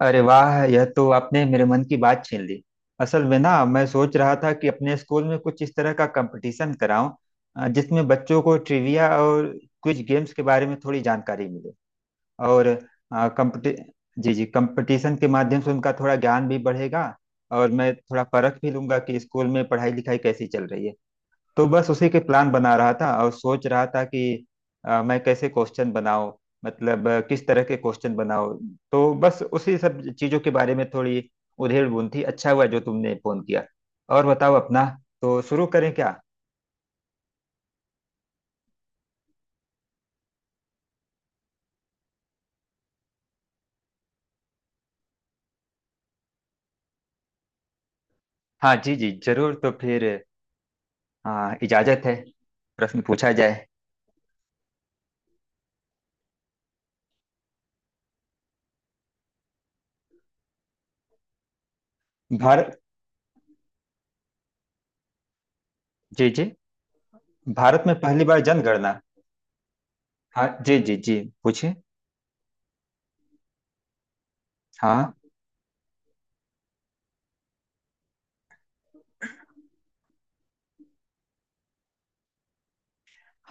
अरे वाह, यह तो आपने मेरे मन की बात छीन ली। असल में ना, मैं सोच रहा था कि अपने स्कूल में कुछ इस तरह का कंपटीशन कराऊं जिसमें बच्चों को ट्रिविया और क्विज गेम्स के बारे में थोड़ी जानकारी मिले। और अ, कंपटी जी जी, कंपटीशन के माध्यम से उनका थोड़ा ज्ञान भी बढ़ेगा और मैं थोड़ा परख भी लूंगा कि स्कूल में पढ़ाई लिखाई कैसी चल रही है। तो बस उसी के प्लान बना रहा था और सोच रहा था कि मैं कैसे क्वेश्चन बनाऊं, मतलब किस तरह के क्वेश्चन बनाऊं। तो बस उसी सब चीजों के बारे में थोड़ी उधेड़ बुन थी। अच्छा हुआ जो तुमने फोन किया। और बताओ अपना। तो शुरू करें क्या? हाँ जी जी, जरूर। तो फिर हाँ, इजाजत है। प्रश्न पूछा जाए। भारत। जी जी। भारत में पहली बार जनगणना। हाँ जी जी जी, पूछिए। हाँ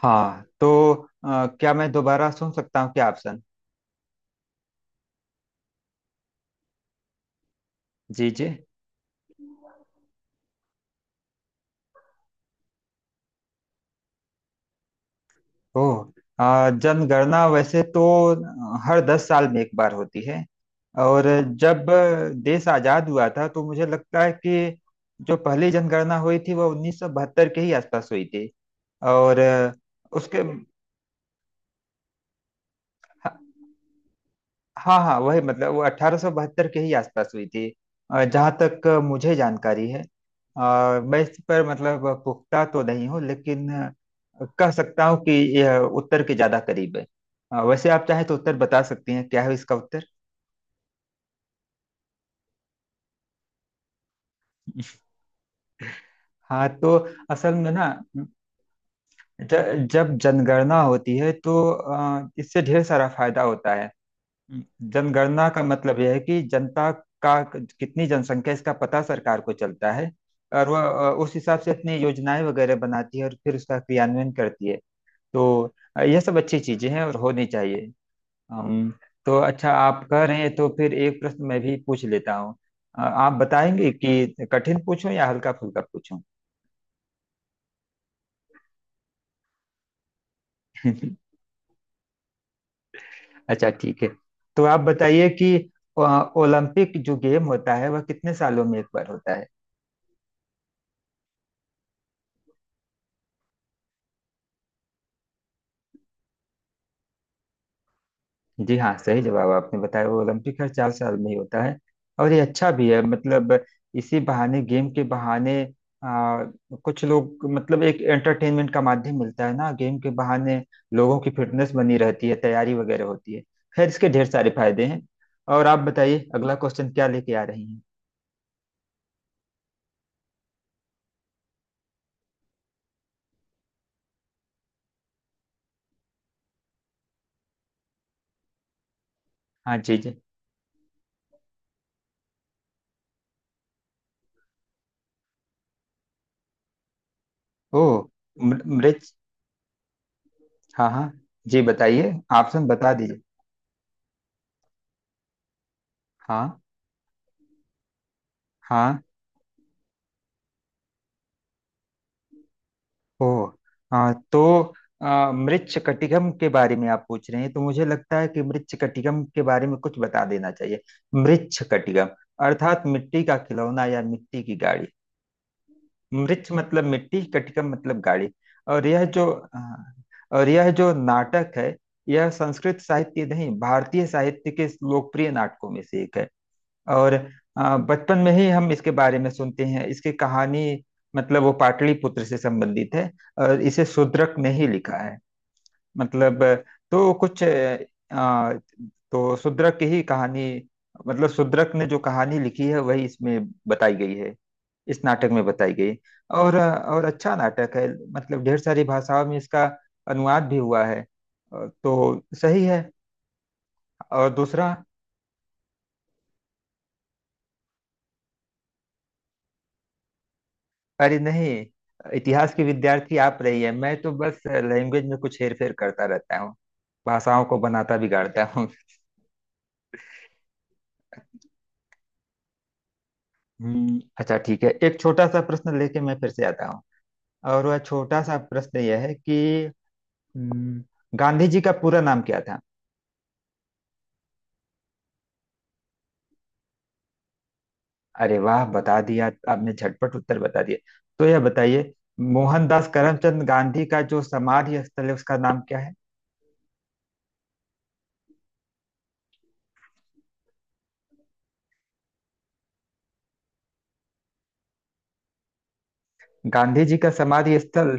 हाँ, तो क्या मैं दोबारा सुन सकता हूँ, क्या ऑप्शन? जी जी। ओह। जनगणना वैसे तो हर 10 साल में एक बार होती है। और जब देश आजाद हुआ था तो मुझे लगता है कि जो पहली जनगणना हुई थी वह 1972 के ही आसपास हुई थी। और उसके। हाँ हाँ, वही मतलब वो 1872 के ही आसपास हुई थी। जहां तक मुझे जानकारी है, मैं इस पर मतलब पुख्ता तो नहीं हूँ, लेकिन कह सकता हूँ कि यह उत्तर के ज्यादा करीब है। वैसे आप चाहे तो उत्तर बता सकती हैं, क्या है इसका उत्तर? हाँ, तो असल में ना, जब जनगणना होती है तो इससे ढेर सारा फायदा होता है। जनगणना का मतलब यह है कि जनता का कितनी जनसंख्या है, इसका पता सरकार को चलता है, और वह उस हिसाब से अपनी योजनाएं वगैरह बनाती है और फिर उसका क्रियान्वयन करती है। तो यह सब अच्छी चीजें हैं और होनी चाहिए। अम, तो अच्छा, आप कह रहे हैं तो फिर एक प्रश्न मैं भी पूछ लेता हूँ। आप बताएंगे कि कठिन पूछूं या हल्का फुल्का पूछूं? अच्छा ठीक है। तो आप बताइए कि अ, ओलंपिक जो गेम होता है वह कितने सालों में एक बार होता है? जी हाँ, सही जवाब आपने बताया। वो ओलंपिक हर 4 साल में ही होता है, और ये अच्छा भी है, मतलब इसी बहाने, गेम के बहाने, आ, कुछ लोग, मतलब एक एंटरटेनमेंट का माध्यम मिलता है ना गेम के बहाने। लोगों की फिटनेस बनी रहती है, तैयारी वगैरह होती है। खैर, इसके ढेर सारे फायदे हैं। और आप बताइए अगला क्वेश्चन क्या लेके आ रही हैं? हाँ जी जी। ओ। मृ- मृत हाँ हाँ। जी बताइए, ऑप्शन बता दीजिए। हाँ हाँ। ओह। हाँ, तो मृच्छकटिकम के बारे में आप पूछ रहे हैं तो मुझे लगता है कि मृच्छकटिकम के बारे में कुछ बता देना चाहिए। मृच्छकटिकम अर्थात मिट्टी का खिलौना या मिट्टी की गाड़ी। मृच्छ मतलब मिट्टी, कटिकम मतलब गाड़ी। और यह जो नाटक है, यह संस्कृत साहित्य नहीं, भारतीय साहित्य के लोकप्रिय नाटकों में से एक है। और बचपन में ही हम इसके बारे में सुनते हैं, इसकी कहानी। मतलब वो पाटलिपुत्र से संबंधित है, और इसे शूद्रक ने ही लिखा है। मतलब तो कुछ आ, तो शूद्रक की ही कहानी, मतलब शूद्रक ने जो कहानी लिखी है वही इसमें बताई गई है, इस नाटक में बताई गई। और अच्छा नाटक है, मतलब ढेर सारी भाषाओं में इसका अनुवाद भी हुआ है। तो सही है। और दूसरा। अरे नहीं, इतिहास की विद्यार्थी आप रही है, मैं तो बस लैंग्वेज में कुछ हेर फेर करता रहता हूँ, भाषाओं को बनाता बिगाड़ता हूँ। अच्छा ठीक है, एक छोटा सा प्रश्न लेके मैं फिर से आता हूँ, और वह छोटा सा प्रश्न यह है कि हम्म, गांधी जी का पूरा नाम क्या था? अरे वाह, बता दिया! आपने झटपट उत्तर बता दिया। तो यह बताइए, मोहनदास करमचंद गांधी का जो समाधि स्थल है उसका नाम क्या है? गांधी जी का समाधि स्थल।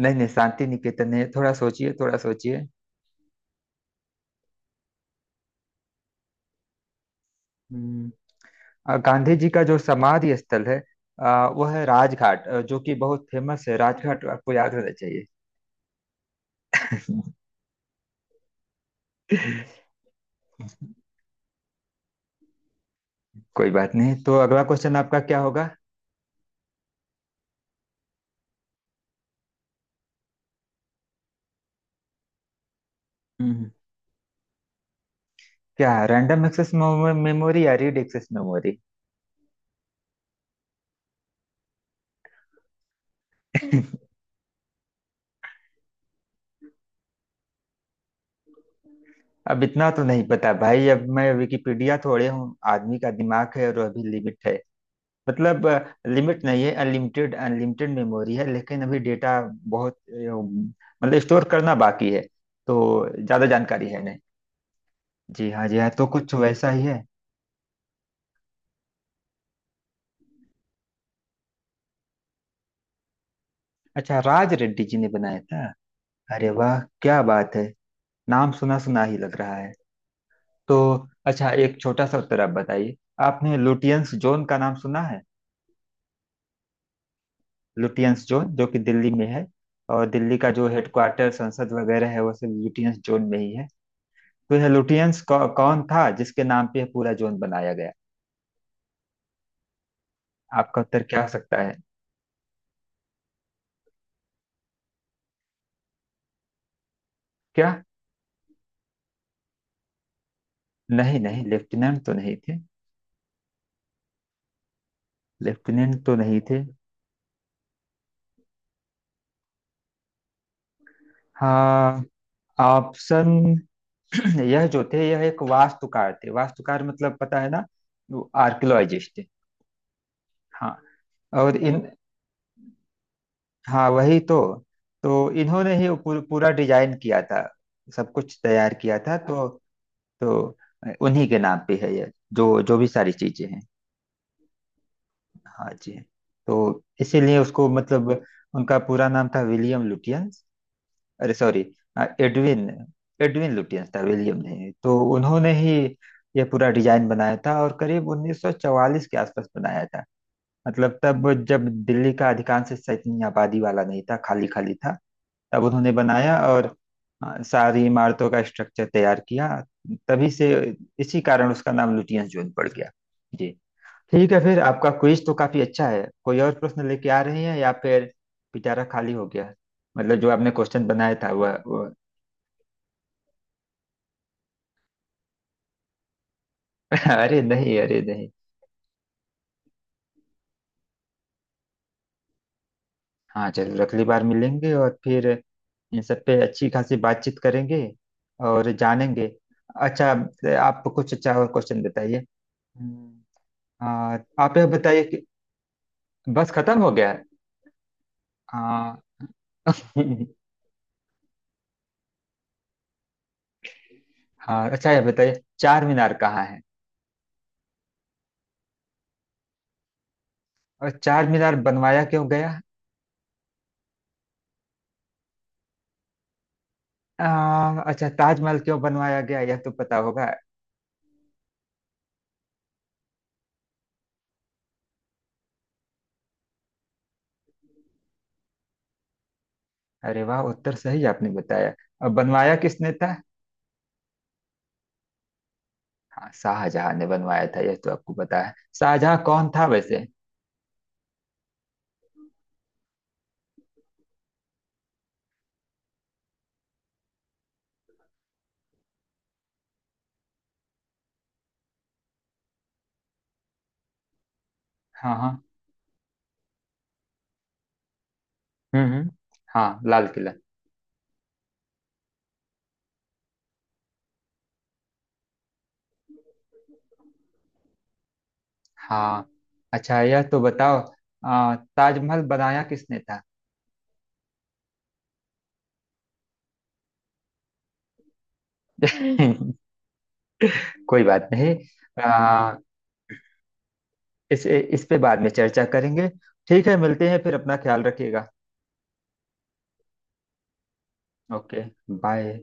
नहीं नहीं, शांति निकेतन है, थोड़ा सोचिए, थोड़ा सोचिए। गांधी जी का जो समाधि स्थल है, वो है राजघाट, जो कि बहुत फेमस है, राजघाट आपको याद होना चाहिए। कोई बात नहीं, तो अगला क्वेश्चन आपका क्या होगा? हम्म, क्या रैंडम एक्सेस मेमोरी या रीड एक्सेस मेमोरी? अब इतना तो नहीं पता भाई, अब मैं विकिपीडिया थोड़े हूँ, आदमी का दिमाग है और अभी लिमिट है। मतलब लिमिट नहीं है, अनलिमिटेड अनलिमिटेड मेमोरी है, लेकिन अभी डेटा बहुत मतलब स्टोर करना बाकी है, तो ज्यादा जानकारी है। जी हाँ जी हाँ, तो कुछ वैसा ही है। अच्छा, राज रेड्डी जी ने बनाया था। अरे वाह, क्या बात है! नाम सुना सुना ही लग रहा है। तो अच्छा, एक छोटा सा उत्तर आप बताइए। आपने लुटियंस जोन का नाम सुना है? लुटियंस जोन जो कि दिल्ली में है, और दिल्ली का जो हेडक्वार्टर, संसद वगैरह है, वो सब लुटियंस जोन में ही है। तो यह लुटियंस कौन था जिसके नाम पे यह पूरा जोन बनाया गया? आपका उत्तर क्या हो सकता है? क्या? नहीं नहीं, लेफ्टिनेंट तो नहीं थे, लेफ्टिनेंट तो नहीं थे। हाँ, ऑप्शन। यह जो थे, यह एक वास्तुकार थे। वास्तुकार मतलब पता है ना, आर्कियोलॉजिस्ट। हाँ, और इन हाँ वही तो इन्होंने ही वो पूरा डिजाइन किया था, सब कुछ तैयार किया था। तो उन्हीं के नाम पे है यह, जो जो भी सारी चीजें हैं। हाँ जी, तो इसीलिए उसको, मतलब उनका पूरा नाम था विलियम लुटियंस। अरे सॉरी, एडविन, एडविन लुटियंस था, विलियम नहीं। तो उन्होंने ही ये पूरा डिजाइन बनाया था और करीब 1944 के आसपास बनाया था। मतलब तब, जब दिल्ली का अधिकांश हिस्सा इतनी आबादी वाला नहीं था, खाली खाली था, तब उन्होंने बनाया और सारी इमारतों का स्ट्रक्चर तैयार किया। तभी से, इसी कारण उसका नाम लुटियंस जोन पड़ गया। जी, ठीक है। फिर आपका क्विज तो काफी अच्छा है। कोई और प्रश्न लेके आ रहे हैं या फिर पिटारा खाली हो गया? मतलब जो आपने क्वेश्चन बनाया था अरे नहीं, अरे नहीं। हाँ चलो, अगली बार मिलेंगे और फिर इन सब पे अच्छी खासी बातचीत करेंगे और जानेंगे। अच्छा, आप कुछ अच्छा और क्वेश्चन बताइए। हम्म, आ, आप यह बताइए कि बस खत्म हो गया है? हाँ। हाँ, अच्छा यह बताइए, चार मीनार कहाँ है? और चार मीनार बनवाया क्यों गया? अच्छा, ताजमहल क्यों बनवाया गया यह तो पता होगा। अरे वाह, उत्तर सही आपने बताया। अब बनवाया किसने था? हाँ, शाहजहां ने बनवाया था यह तो आपको पता है। शाहजहां कौन था वैसे? हाँ हाँ। हम्म। हाँ, लाल किला। हाँ, अच्छा यह तो बताओ, ताजमहल बनाया किसने था? कोई बात नहीं। आ, इस पे बाद में चर्चा करेंगे। ठीक है, मिलते हैं फिर। अपना ख्याल रखिएगा। ओके। बाय।